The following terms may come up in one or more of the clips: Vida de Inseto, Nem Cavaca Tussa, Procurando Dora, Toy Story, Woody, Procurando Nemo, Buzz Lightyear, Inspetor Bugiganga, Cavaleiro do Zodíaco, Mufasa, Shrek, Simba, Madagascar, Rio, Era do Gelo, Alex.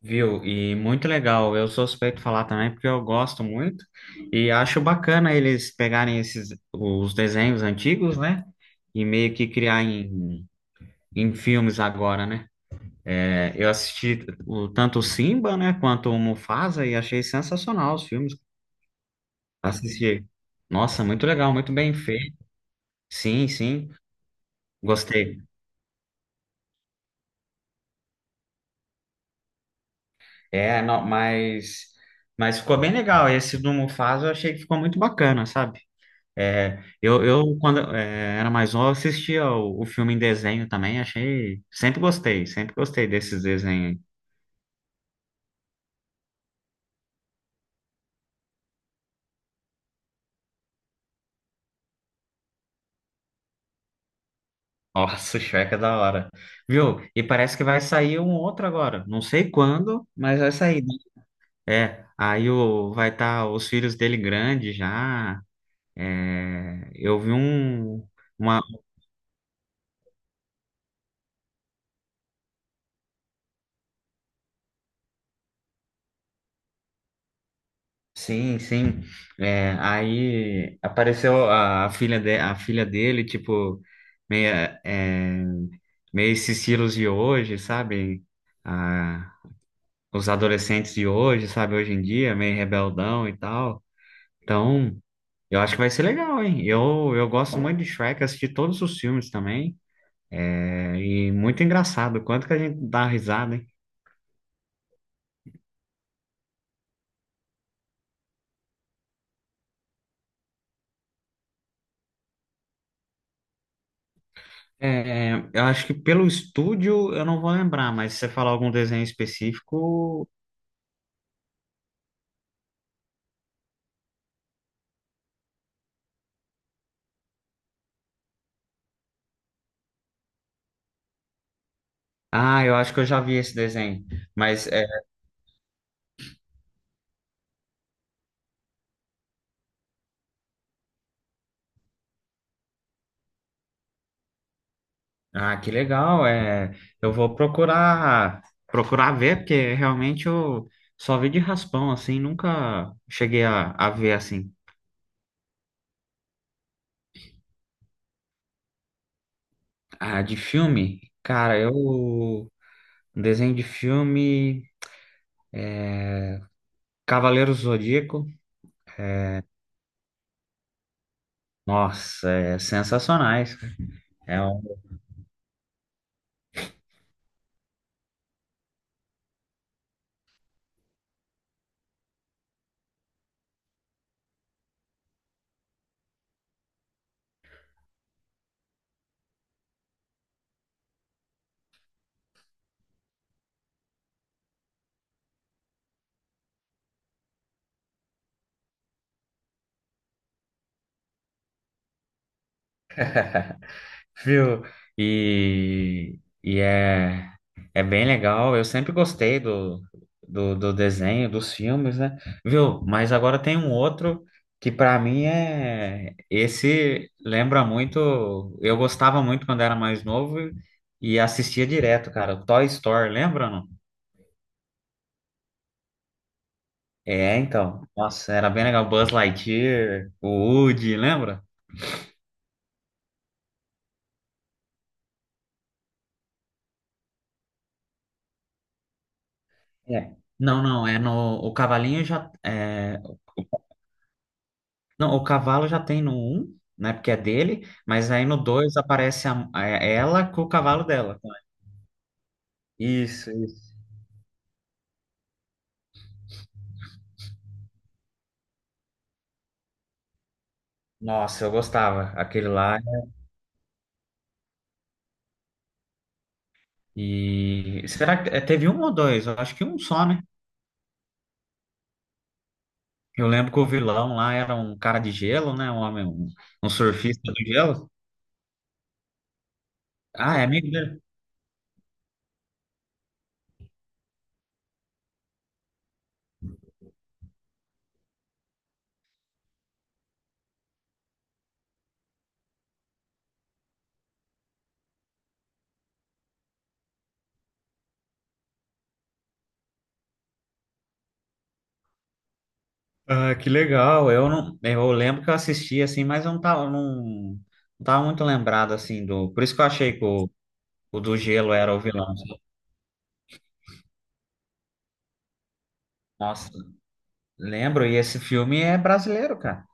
Viu? E muito legal. Eu sou suspeito de falar também porque eu gosto muito e acho bacana eles pegarem esses os desenhos antigos, né? E meio que criar em, em filmes agora, né? É, eu assisti o, tanto o Simba, né, quanto o Mufasa e achei sensacional os filmes. Assisti. Nossa, muito legal, muito bem feito. Sim, sim, gostei. É, não, mas ficou bem legal. Esse do Mufasa eu achei que ficou muito bacana, sabe? É, eu, quando é, era mais novo, assistia o filme em desenho também, achei. Sempre gostei desses desenhos aí. Nossa, o Shrek é da hora. Viu? E parece que vai sair um outro agora. Não sei quando, mas vai sair, né? É, aí o, vai estar os filhos dele grandes já. É, eu vi um, uma. Sim, sim. É, aí apareceu a filha de, a filha dele, tipo, meia, é, meio esses estilos de hoje, sabe? Ah, os adolescentes de hoje, sabe? Hoje em dia, meio rebeldão e tal. Então, eu acho que vai ser legal, hein? Eu gosto muito de Shrek, assisti todos os filmes também. É, e muito engraçado, quanto que a gente dá risada, hein? É, eu acho que pelo estúdio eu não vou lembrar, mas se você falar algum desenho específico. Ah, eu acho que eu já vi esse desenho. Mas é, ah, que legal. É, eu vou procurar ver, porque realmente eu só vi de raspão, assim, nunca cheguei a ver assim. Ah, de filme, cara, eu, desenho de filme, Cavaleiro do Zodíaco. Nossa, é sensacionais. É um viu? E é, é bem legal. Eu sempre gostei do, do, do desenho, dos filmes, né? Viu? Mas agora tem um outro que pra mim é. Esse lembra muito. Eu gostava muito quando era mais novo e assistia direto, cara. O Toy Story, lembra, não? É, então. Nossa, era bem legal. Buzz Lightyear, o Woody, lembra? É. Não, não, é no. O cavalinho já. É, não, o cavalo já tem no 1, né? Porque é dele, mas aí no 2 aparece a- é ela com o cavalo dela. Isso, isso. Nossa, eu gostava. Aquele lá. E será que é, teve um ou dois? Eu acho que um só, né? Eu lembro que o vilão lá era um cara de gelo, né? Um homem, um surfista do gelo. Ah, é amigo dele. Ah, que legal. Eu não, eu lembro que eu assisti assim, mas eu não tava, não, não tava muito lembrado assim do. Por isso que eu achei que o do gelo era o vilão. Nossa. Lembro, e esse filme é brasileiro, cara.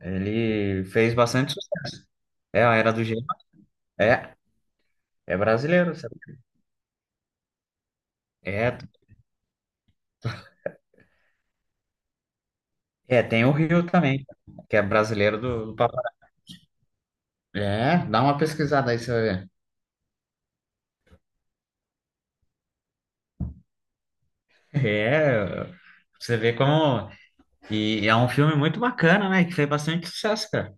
Ele fez bastante sucesso. É a Era do Gelo. É, é brasileiro, sabe? É, é, tem o Rio também, que é brasileiro do, do Papai. É, dá uma pesquisada aí, você vai ver. É, você vê como. E é um filme muito bacana, né? Que fez bastante sucesso, cara.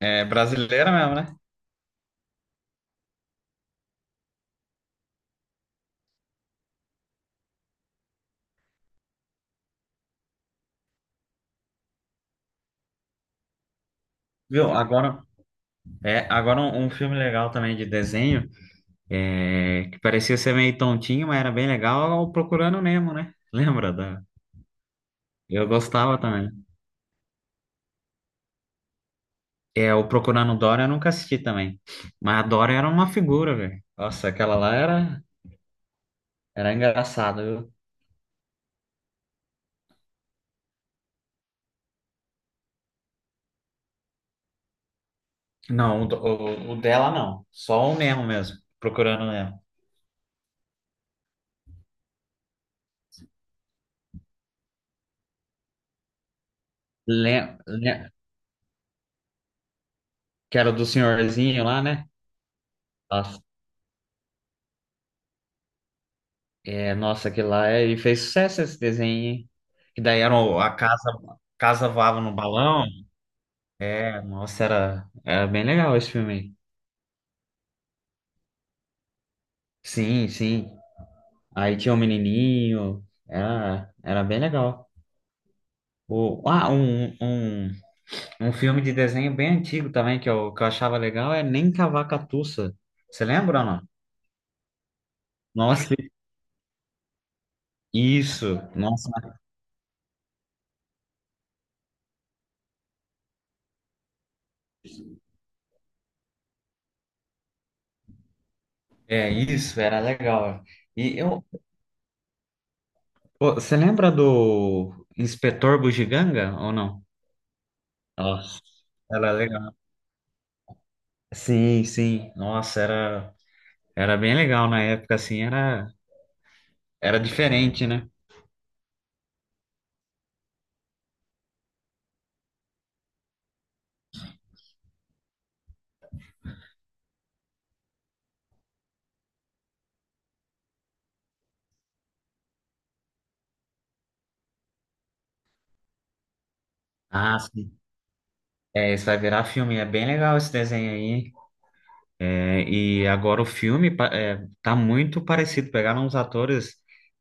É brasileira mesmo, né? Viu? Agora, é, agora um, um filme legal também de desenho, é, que parecia ser meio tontinho, mas era bem legal, é o Procurando Nemo, né? Lembra da. Eu gostava também. É, o Procurando Dora eu nunca assisti também. Mas a Dora era uma figura, velho. Nossa, aquela lá era, era engraçada, viu? Não, o, do- o dela não. Só o Nemo mesmo. Procurando o Nemo. Le, le- que era do senhorzinho lá, né? Nossa, é, nossa, aquele lá é, e fez sucesso esse desenho, hein? Que daí era o- a casa, casa voava no balão. É, nossa, era, era bem legal esse filme aí. Sim, sim. Aí tinha o menininho. Era, era bem legal. O, ah, um filme de desenho bem antigo também que eu achava legal é Nem Cavaca Tussa. Você lembra ou não? Nossa, isso. Nossa, é isso, era legal. E eu, pô, você lembra do Inspetor Bugiganga ou não? Nossa, era legal. Sim, sim. Nossa, era, era bem legal na época, assim, era, era diferente, né? Ah, sim. É, isso vai virar filme. É bem legal esse desenho aí, hein? É, e agora o filme pa- é, tá muito parecido, pegaram uns atores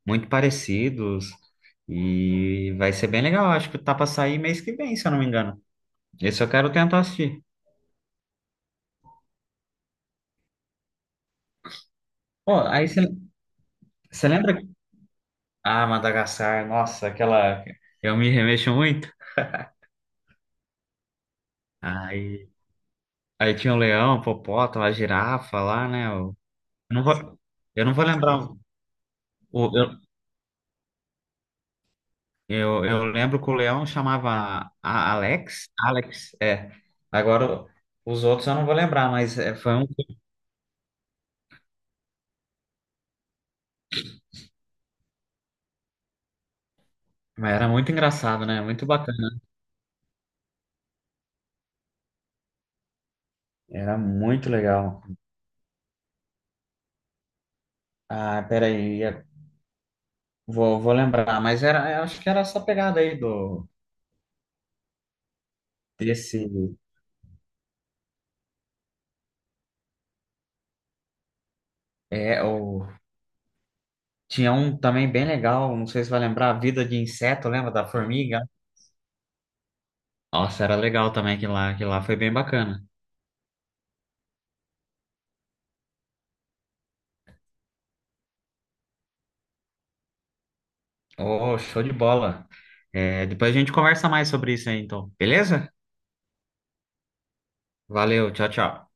muito parecidos e vai ser bem legal. Acho que tá pra sair mês que vem, se eu não me engano. Esse eu quero tentar assistir. Pô, aí você lembra? Ah, Madagascar, nossa, aquela. Eu me remexo muito. Aí, aí tinha o leão, o hipopótamo, a girafa lá, né? Não vou, eu não vou lembrar. O, eu lembro que o Leão chamava a- Alex. Alex, é. Agora os outros eu não vou lembrar, mas é, foi um. Mas era muito engraçado, né? Muito bacana. Era muito legal. Ah, peraí, é, vou, vou lembrar, mas era, eu acho que era essa pegada aí do desse. É, o, tinha um também bem legal, não sei se vai lembrar, a Vida de Inseto, lembra da formiga? Nossa, era legal também que lá foi bem bacana. Oh, show de bola. É, depois a gente conversa mais sobre isso aí, então, beleza? Valeu, tchau, tchau.